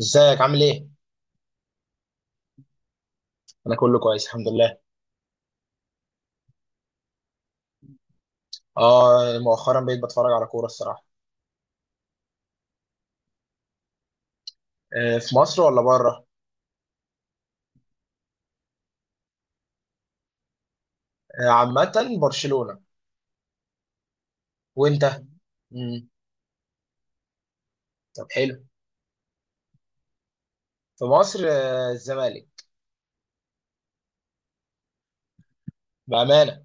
ازيك عامل ايه؟ انا كله كويس الحمد لله. اه مؤخرا بقيت بتفرج على كورة الصراحة. آه في مصر ولا بره؟ آه عامة برشلونة. وانت؟ مم. طب حلو. في مصر الزمالك بأمانة.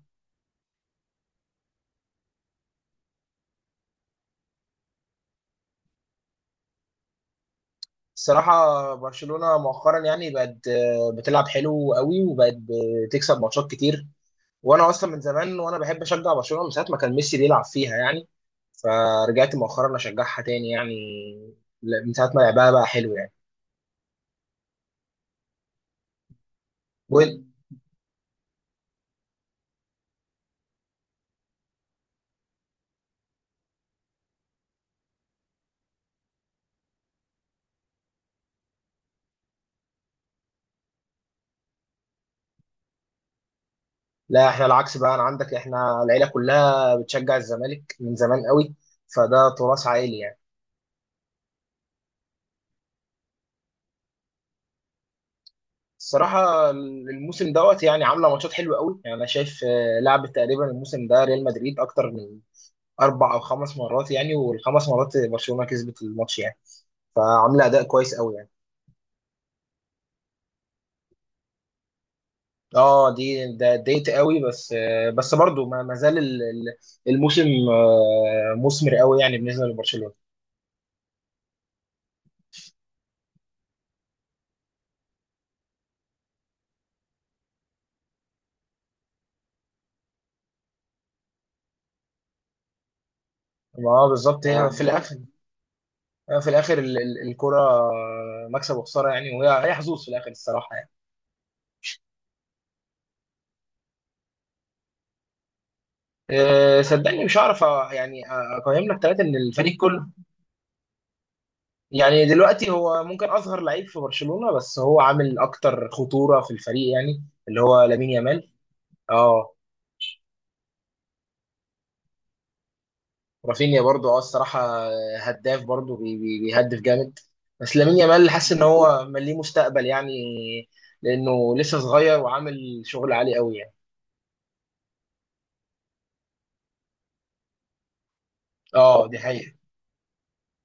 الصراحة برشلونة مؤخرا يعني بقت بتلعب حلو قوي وبقت بتكسب ماتشات كتير. وانا اصلا من زمان وانا بحب اشجع برشلونة من ساعة ما كان ميسي بيلعب فيها يعني. فرجعت مؤخرا اشجعها تاني يعني لا، من ساعة ما لعبها بقى حلو يعني. لا احنا العكس بقى انا عندك احنا العيله كلها بتشجع الزمالك من زمان قوي فده تراث عائلي يعني. الصراحه الموسم دوت يعني عامله ماتشات حلوه قوي يعني انا شايف لعبت تقريبا الموسم ده ريال مدريد اكتر من 4 أو 5 مرات يعني والخمس مرات برشلونه كسبت الماتش يعني فعامله اداء كويس قوي يعني. اه دي ده اتضايقت قوي بس بس برضو ما زال الموسم مثمر قوي يعني بالنسبه لبرشلونه. ما هو بالظبط هي في الاخر يعني في الاخر الكرة مكسب وخسارة يعني وهي حظوظ في الاخر الصراحة يعني. صدقني مش هعرف يعني اقيم لك ثلاثة من الفريق كله. يعني دلوقتي هو ممكن اصغر لعيب في برشلونة بس هو عامل اكتر خطورة في الفريق يعني اللي هو لامين يامال. اه رافينيا برضو الصراحة هداف برضو بيهدف جامد بس لامين يامال حاسس ان هو ليه مستقبل يعني. لانه لسه صغير وعامل شغل عالي قوي يعني. اه دي حقيقة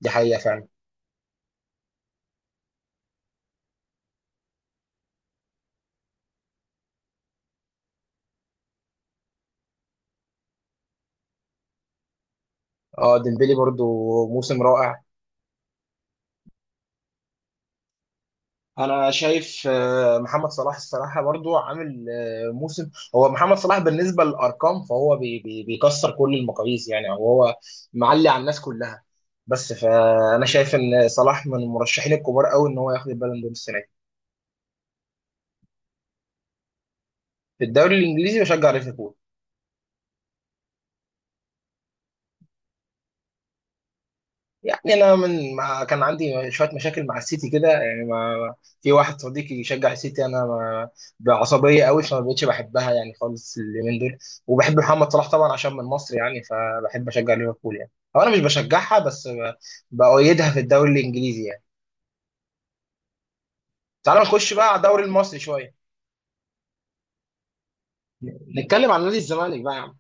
دي حقيقة فعلا. اه ديمبلي برضو موسم رائع. انا شايف محمد صلاح الصراحه برضو عامل موسم. هو محمد صلاح بالنسبه للارقام فهو بي بي بيكسر كل المقاييس يعني أو هو معلي على الناس كلها بس فانا شايف ان صلاح من المرشحين الكبار قوي ان هو ياخد البالون دور السنه دي. في الدوري الانجليزي بشجع ليفربول. يعني انا من ما كان عندي شويه مشاكل مع السيتي كده يعني ما في واحد صديقي يشجع السيتي انا ما بعصبيه قوي فما بقتش بحبها يعني خالص اليومين دول. وبحب محمد صلاح طبعا عشان من مصر يعني فبحب اشجع ليفربول يعني هو انا مش بشجعها بس بأيدها في الدوري الانجليزي يعني. تعالى نخش بقى على الدوري المصري شويه. نتكلم عن نادي الزمالك بقى يا عم.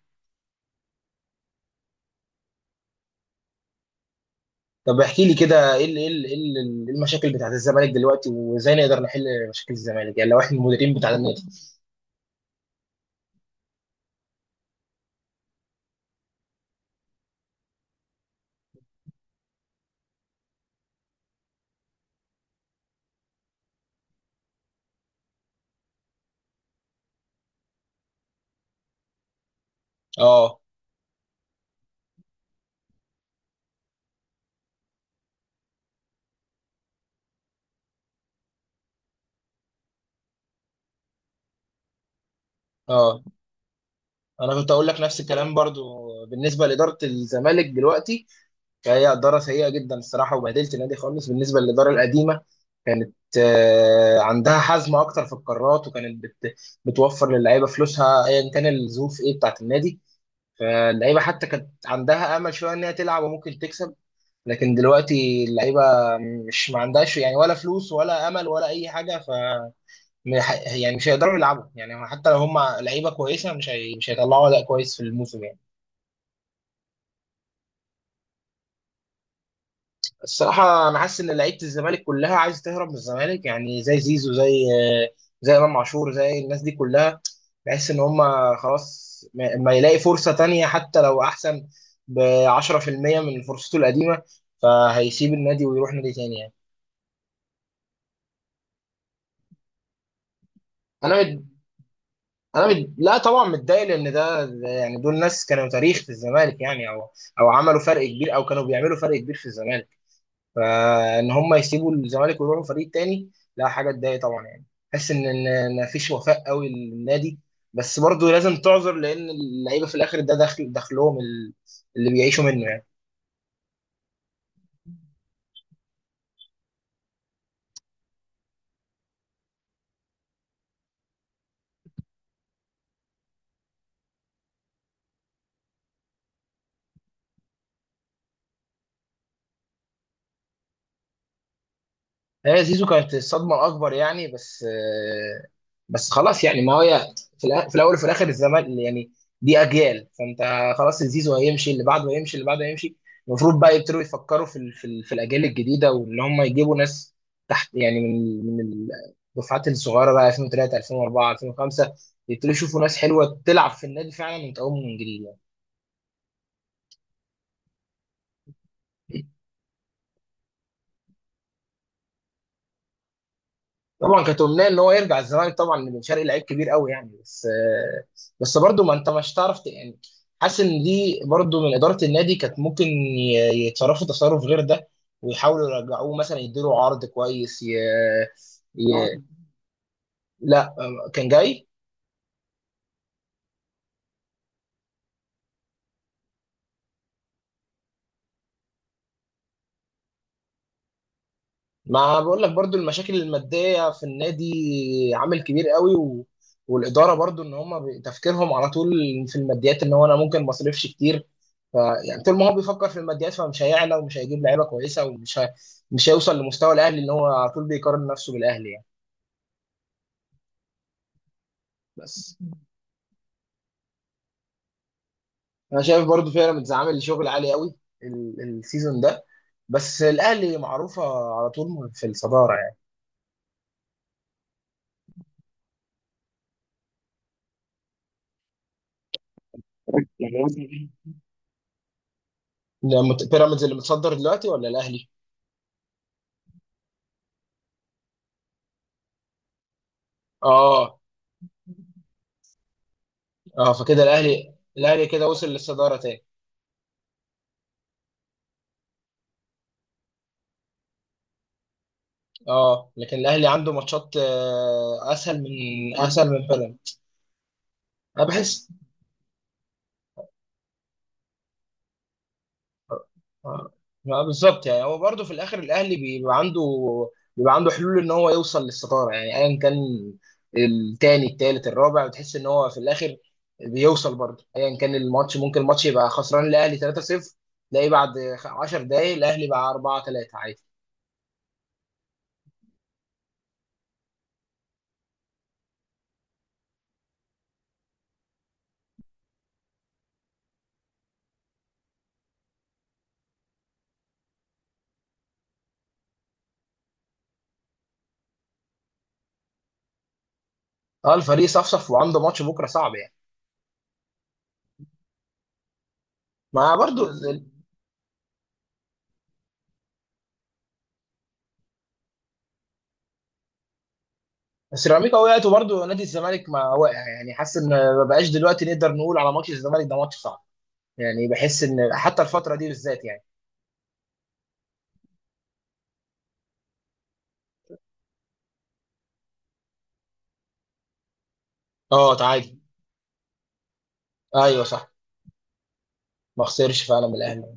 طب احكي لي كده إيه المشاكل بتاعت الزمالك دلوقتي وازاي نقدر نحل مشاكل الزمالك يعني لو احنا المديرين بتاع النادي. اه، اه، انا كنت اقول لك نفس الكلام برضو بالنسبه لاداره الزمالك دلوقتي. فهي اداره سيئه جدا الصراحه وبهدلت النادي خالص. بالنسبه للاداره القديمه كانت عندها حزم اكتر في القرارات وكانت بتوفر للعيبه فلوسها ايا كان الظروف ايه بتاعت النادي. فاللعيبه حتى كانت عندها امل شويه ان هي تلعب وممكن تكسب. لكن دلوقتي اللعيبه مش ما عندهاش يعني، ولا فلوس ولا امل ولا اي حاجه، ف يعني مش هيقدروا يلعبوا يعني حتى لو هم لعيبه كويسه مش هيطلعوا اداء كويس في الموسم يعني. الصراحة أنا حاسس إن لعيبة الزمالك كلها عايزة تهرب من الزمالك يعني زي زيزو آه، زي إمام عاشور زي الناس دي كلها. بحس إن هما خلاص ما يلاقي فرصة تانية حتى لو أحسن ب 10% من فرصته القديمة. فهيسيب النادي ويروح نادي تاني يعني. أنا مد... لا طبعا متضايق لأن ده يعني دول ناس كانوا تاريخ في الزمالك يعني، أو عملوا فرق كبير أو كانوا بيعملوا فرق كبير في الزمالك. فان هم يسيبوا الزمالك ويروحوا فريق تاني لا حاجه تضايق طبعا يعني. حس ان ما فيش وفاء قوي للنادي. بس برضه لازم تعذر لان اللعيبه في الاخر دخل دخلهم اللي بيعيشوا منه يعني. هي زيزو كانت الصدمة الأكبر يعني بس خلاص يعني ما هي في الأول وفي الآخر الزمان يعني. دي أجيال فأنت خلاص زيزو هيمشي اللي بعده هيمشي اللي بعده هيمشي. المفروض بقى يبتدوا يفكروا في الأجيال الجديدة واللي هم يجيبوا ناس تحت يعني من الدفعات الصغيرة بقى 2003 2004 2005. يبتدوا يشوفوا ناس حلوة تلعب في النادي فعلا وتقوم من جديد يعني. طبعا كانت امنيه ان هو يرجع الزمالك طبعا، بن شرقي لعيب كبير قوي يعني بس برضه ما انت مش تعرف يعني. حاسس ان دي برضه من اداره النادي كانت ممكن يتصرفوا تصرف غير ده. ويحاولوا يرجعوه مثلا يديله عرض كويس ي... لا كان جاي. ما بقول لك برضو المشاكل المادية في النادي عامل كبير قوي والإدارة برضو إن هم تفكيرهم على طول في الماديات إن هو أنا ممكن ما أصرفش كتير. ف... يعني طول ما هو بيفكر في الماديات فمش هيعلى ومش هيجيب لعيبة كويسة مش هيوصل لمستوى الأهلي إن هو على طول بيقارن نفسه بالأهلي يعني. بس أنا شايف برضو بيراميدز عامل شغل عالي قوي السيزون ده. بس الأهلي معروفة على طول في الصدارة يعني. بيراميدز اللي متصدر دلوقتي ولا الأهلي؟ اه، اه، فكده الاهلي كده وصل للصداره تاني. اه لكن الاهلي عنده ماتشات اسهل من بيراميدز. انا بحس آه، بالظبط يعني هو برضه في الاخر الاهلي بيبقى عنده حلول ان هو يوصل للصداره يعني ايا كان التاني التالت الرابع، بتحس ان هو في الاخر بيوصل برضه ايا كان الماتش. ممكن الماتش يبقى خسران الاهلي 3-0 تلاقيه بعد 10 دقايق الاهلي بقى 4-3 عادي. اه الفريق صفصف وعنده ماتش بكره صعب يعني. ما برضه بس سيراميكا وقعت وبرضه نادي الزمالك ما وقع، يعني حاسس ان ما بقاش دلوقتي نقدر نقول على ماتش الزمالك ده ماتش صعب يعني بحس ان حتى الفتره دي بالذات يعني. اه تعادل. ايوه صح. ما خسرش فعلا من الاهلي.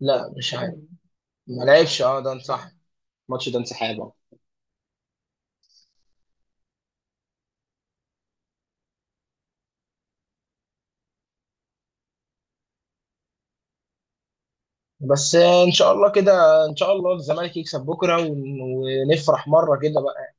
لا مش عارف. ما لعبش، اه، ده صح. الماتش ده انسحاب. بس ان شاء الله كده، ان شاء الله الزمالك يكسب بكره ونفرح مره كده بقى.